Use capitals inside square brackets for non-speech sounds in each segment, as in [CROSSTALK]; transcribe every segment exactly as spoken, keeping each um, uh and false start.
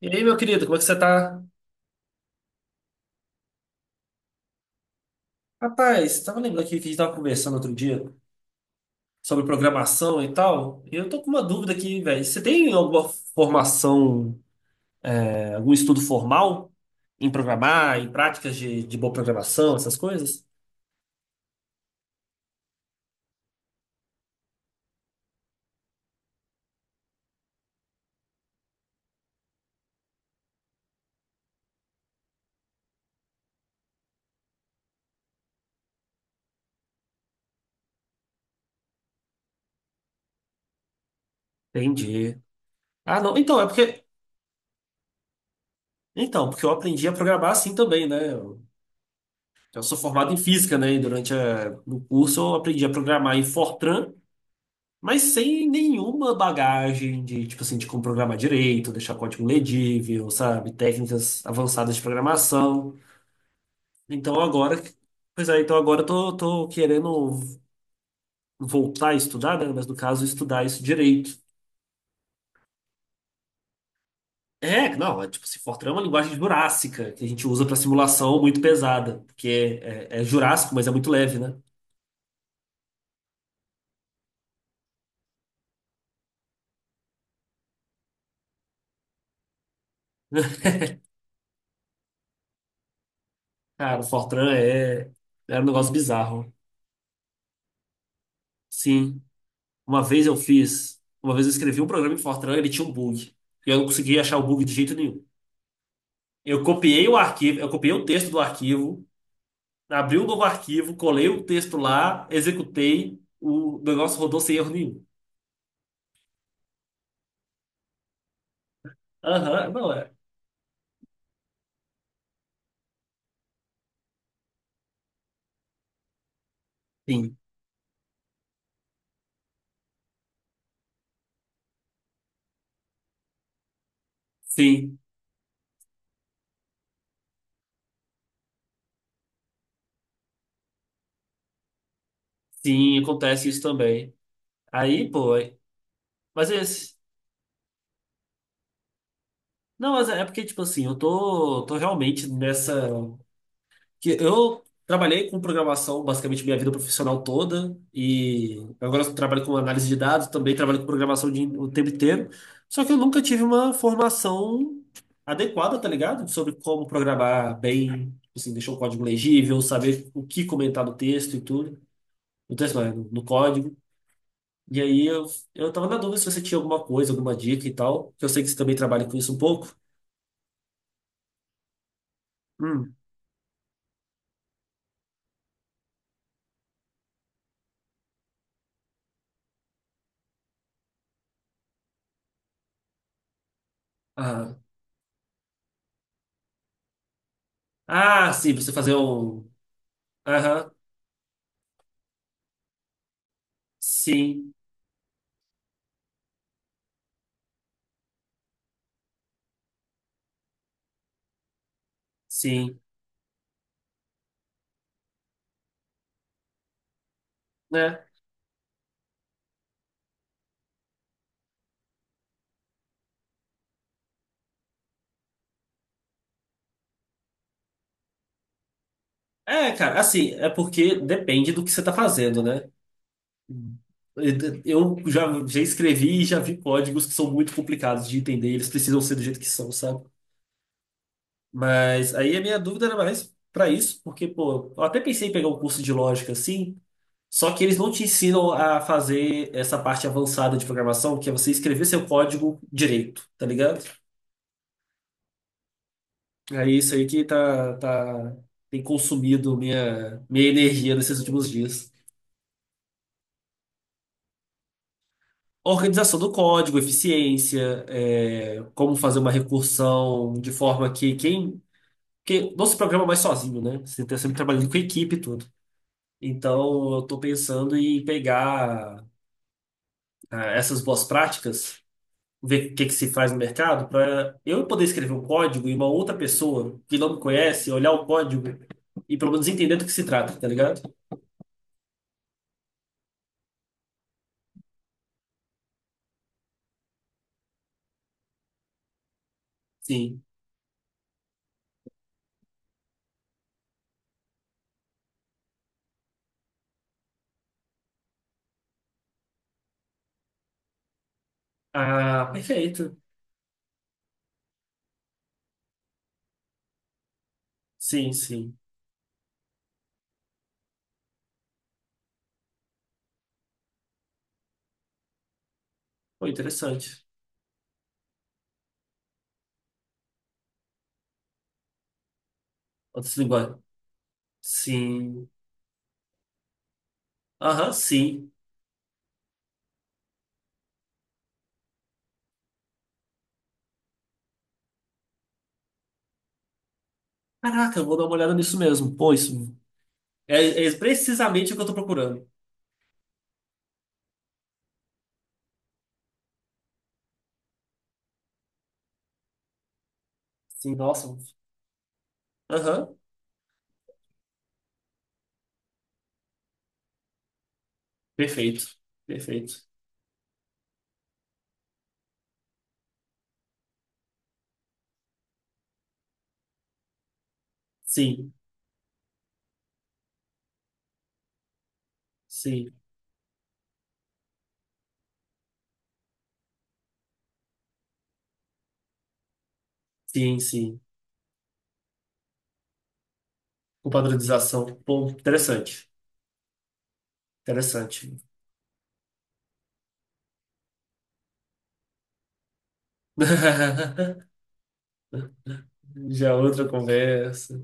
E aí, meu querido, como é que você tá? Rapaz, tava lembrando aqui que a gente tava conversando outro dia sobre programação e tal. E eu tô com uma dúvida aqui, velho. Você tem alguma formação, é, algum estudo formal em programar, em práticas de, de boa programação, essas coisas? Entendi. Ah, não. Então, é porque. Então, porque eu aprendi a programar assim também, né? Eu, eu sou formado em física, né? E durante a- no curso eu aprendi a programar em Fortran. Mas sem nenhuma bagagem de, tipo assim, de como programar direito, deixar código legível, sabe? Técnicas avançadas de programação. Então agora, pois é, então agora eu tô, tô querendo voltar a estudar, né? Mas no caso, estudar isso direito. É, não, é tipo, se Fortran é uma linguagem jurássica, que a gente usa para simulação muito pesada, porque é, é, é jurássico, mas é muito leve, né? [LAUGHS] Cara, o Fortran é, é um negócio bizarro. Sim. Uma vez eu fiz, uma vez eu escrevi um programa em Fortran, ele tinha um bug. E eu não conseguia achar o bug de jeito nenhum. Eu copiei o arquivo, eu copiei o texto do arquivo, abri um novo arquivo, colei o texto lá, executei, o negócio rodou sem erro nenhum. Aham, não é. Sim, sim, sim, acontece isso também. Aí, pô, é- mas esse. Não, mas é porque, tipo assim, eu tô, tô realmente nessa. Que eu trabalhei com programação basicamente minha vida profissional toda e agora eu trabalho com análise de dados, também trabalho com programação de- o tempo inteiro. Só que eu nunca tive uma formação adequada, tá ligado? Sobre como programar bem, assim, deixar o código legível, saber o que comentar no texto e tudo. No texto, não, é, no, no código. E aí eu, eu tava na dúvida se você tinha alguma coisa, alguma dica e tal, que eu sei que você também trabalha com isso um pouco. Hum. Ah, ah, sim, você fazer um. Aham, sim. Sim, né? É, cara, assim, é porque depende do que você tá fazendo, né? Eu já, já escrevi e já vi códigos que são muito complicados de entender, eles precisam ser do jeito que são, sabe? Mas aí a minha dúvida era mais pra isso, porque, pô, eu até pensei em pegar um curso de lógica assim, só que eles não te ensinam a fazer essa parte avançada de programação, que é você escrever seu código direito, tá ligado? É isso aí que tá, tá, tem consumido minha, minha energia nesses últimos dias. Organização do código, eficiência, é, como fazer uma recursão de forma que quem. Porque não se programa mais sozinho, né? Você está sempre trabalhando com equipe e tudo. Então, eu estou pensando em pegar ah, essas boas práticas, ver o que que se faz no mercado, para eu poder escrever um código e uma outra pessoa que não me conhece olhar o código e pelo menos entender do que se trata, tá ligado? Sim. Ah, perfeito. Sim, sim. Foi interessante. Outras linguagens. Sim. Aham, sim. Caraca, eu vou dar uma olhada nisso mesmo. Pô, isso é, é precisamente o que eu tô procurando. Sim, nossa. Aham, perfeito. Perfeito. Sim, sim, sim, sim. Com padronização. Pô, interessante. Interessante. [LAUGHS] Já é outra conversa,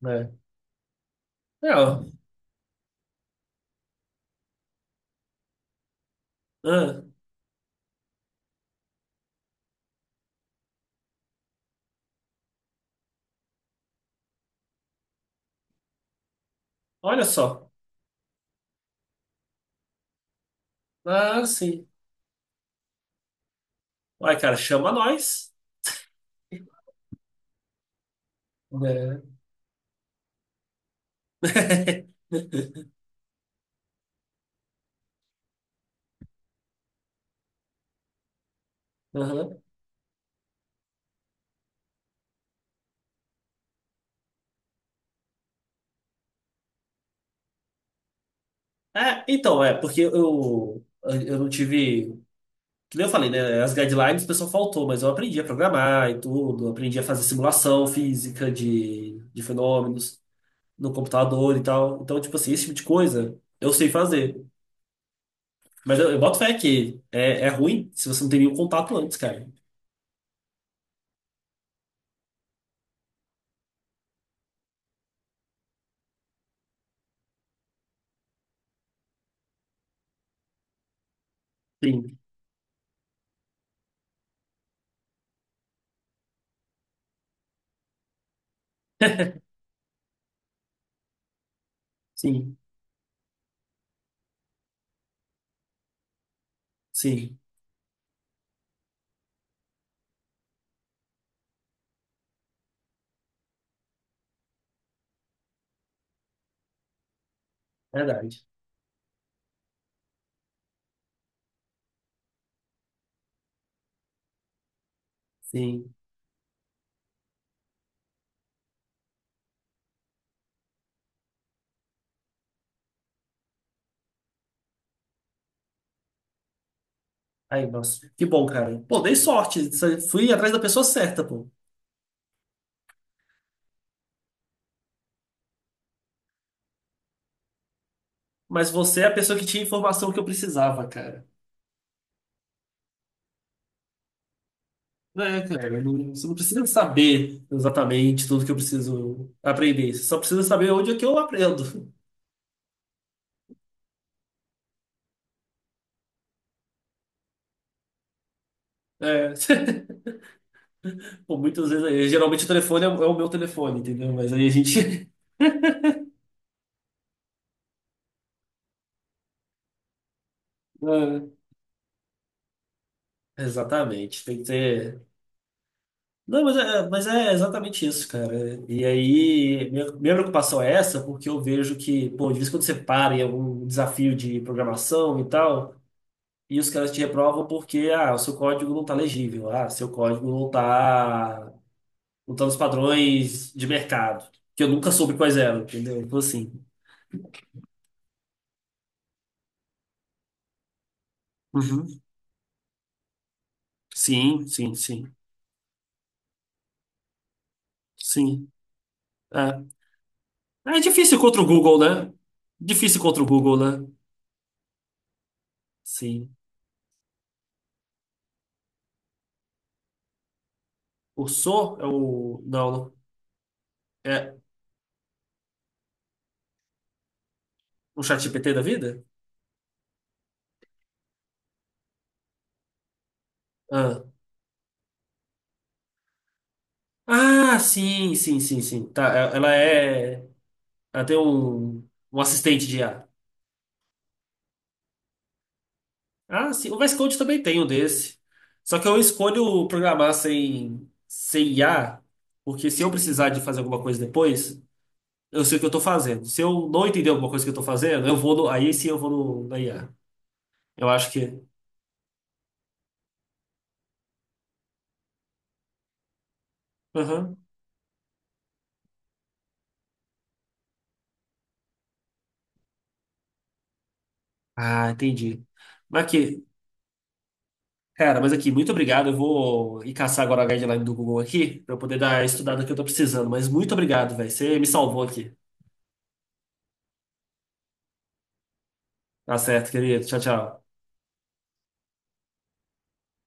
né? É, ó. Ah, olha só. Ah, sim. Uai, cara, chama nós. Né? [LAUGHS] Aham. É, então, é, porque eu, eu não tive. Que nem eu falei, né? As guidelines o pessoal faltou, mas eu aprendi a programar e tudo, aprendi a fazer simulação física de, de fenômenos no computador e tal. Então, tipo assim, esse tipo de coisa eu sei fazer. Mas eu, eu boto fé que é, é ruim se você não tem nenhum contato antes, cara. Sim, [LAUGHS] sim, sim. Verdade. Sim. Aí, nossa, que bom, cara. Pô, dei sorte. Fui atrás da pessoa certa, pô. Mas você é a pessoa que tinha a informação que eu precisava, cara. É, cara, eu não- você não precisa saber exatamente tudo que eu preciso aprender. Você só precisa saber onde é que eu aprendo. É. [LAUGHS] Pô, muitas vezes, aí, geralmente o telefone é, é o meu telefone, entendeu? Mas aí a gente. [LAUGHS] É, exatamente, tem que ter. Não, mas é, é, mas é exatamente isso, cara. E aí, minha, minha preocupação é essa, porque eu vejo que, pô, de vez em quando você para em algum desafio de programação e tal, e os caras te reprovam porque, ah, o seu código não tá legível, ah, seu código não tá. Montando os padrões de mercado, que eu nunca soube quais eram, entendeu? Então, assim. Uhum. Sim, sim, sim. Sim. É. É difícil contra o Google, né? Difícil contra o Google, né? Sim. O So é o. Não, não. É o ChatGPT da vida? Ah. Ah, sim, sim, sim, sim. Tá, é- ela é. Ela tem um, um assistente de I A. Ah, sim. O V S Code também tem um desse. Só que eu escolho programar sem, sem I A, porque se eu precisar de fazer alguma coisa depois, eu sei o que eu estou fazendo. Se eu não entender alguma coisa que eu estou fazendo, eu vou no, aí sim eu vou no, na I A. Eu acho que. Aham. Ah, entendi. Mas aqui, cara, mas aqui, muito obrigado. Eu vou ir caçar agora a guideline do Google aqui, para eu poder dar a estudada que eu estou precisando. Mas muito obrigado, velho. Você me salvou aqui. Tá certo, querido. Tchau, tchau.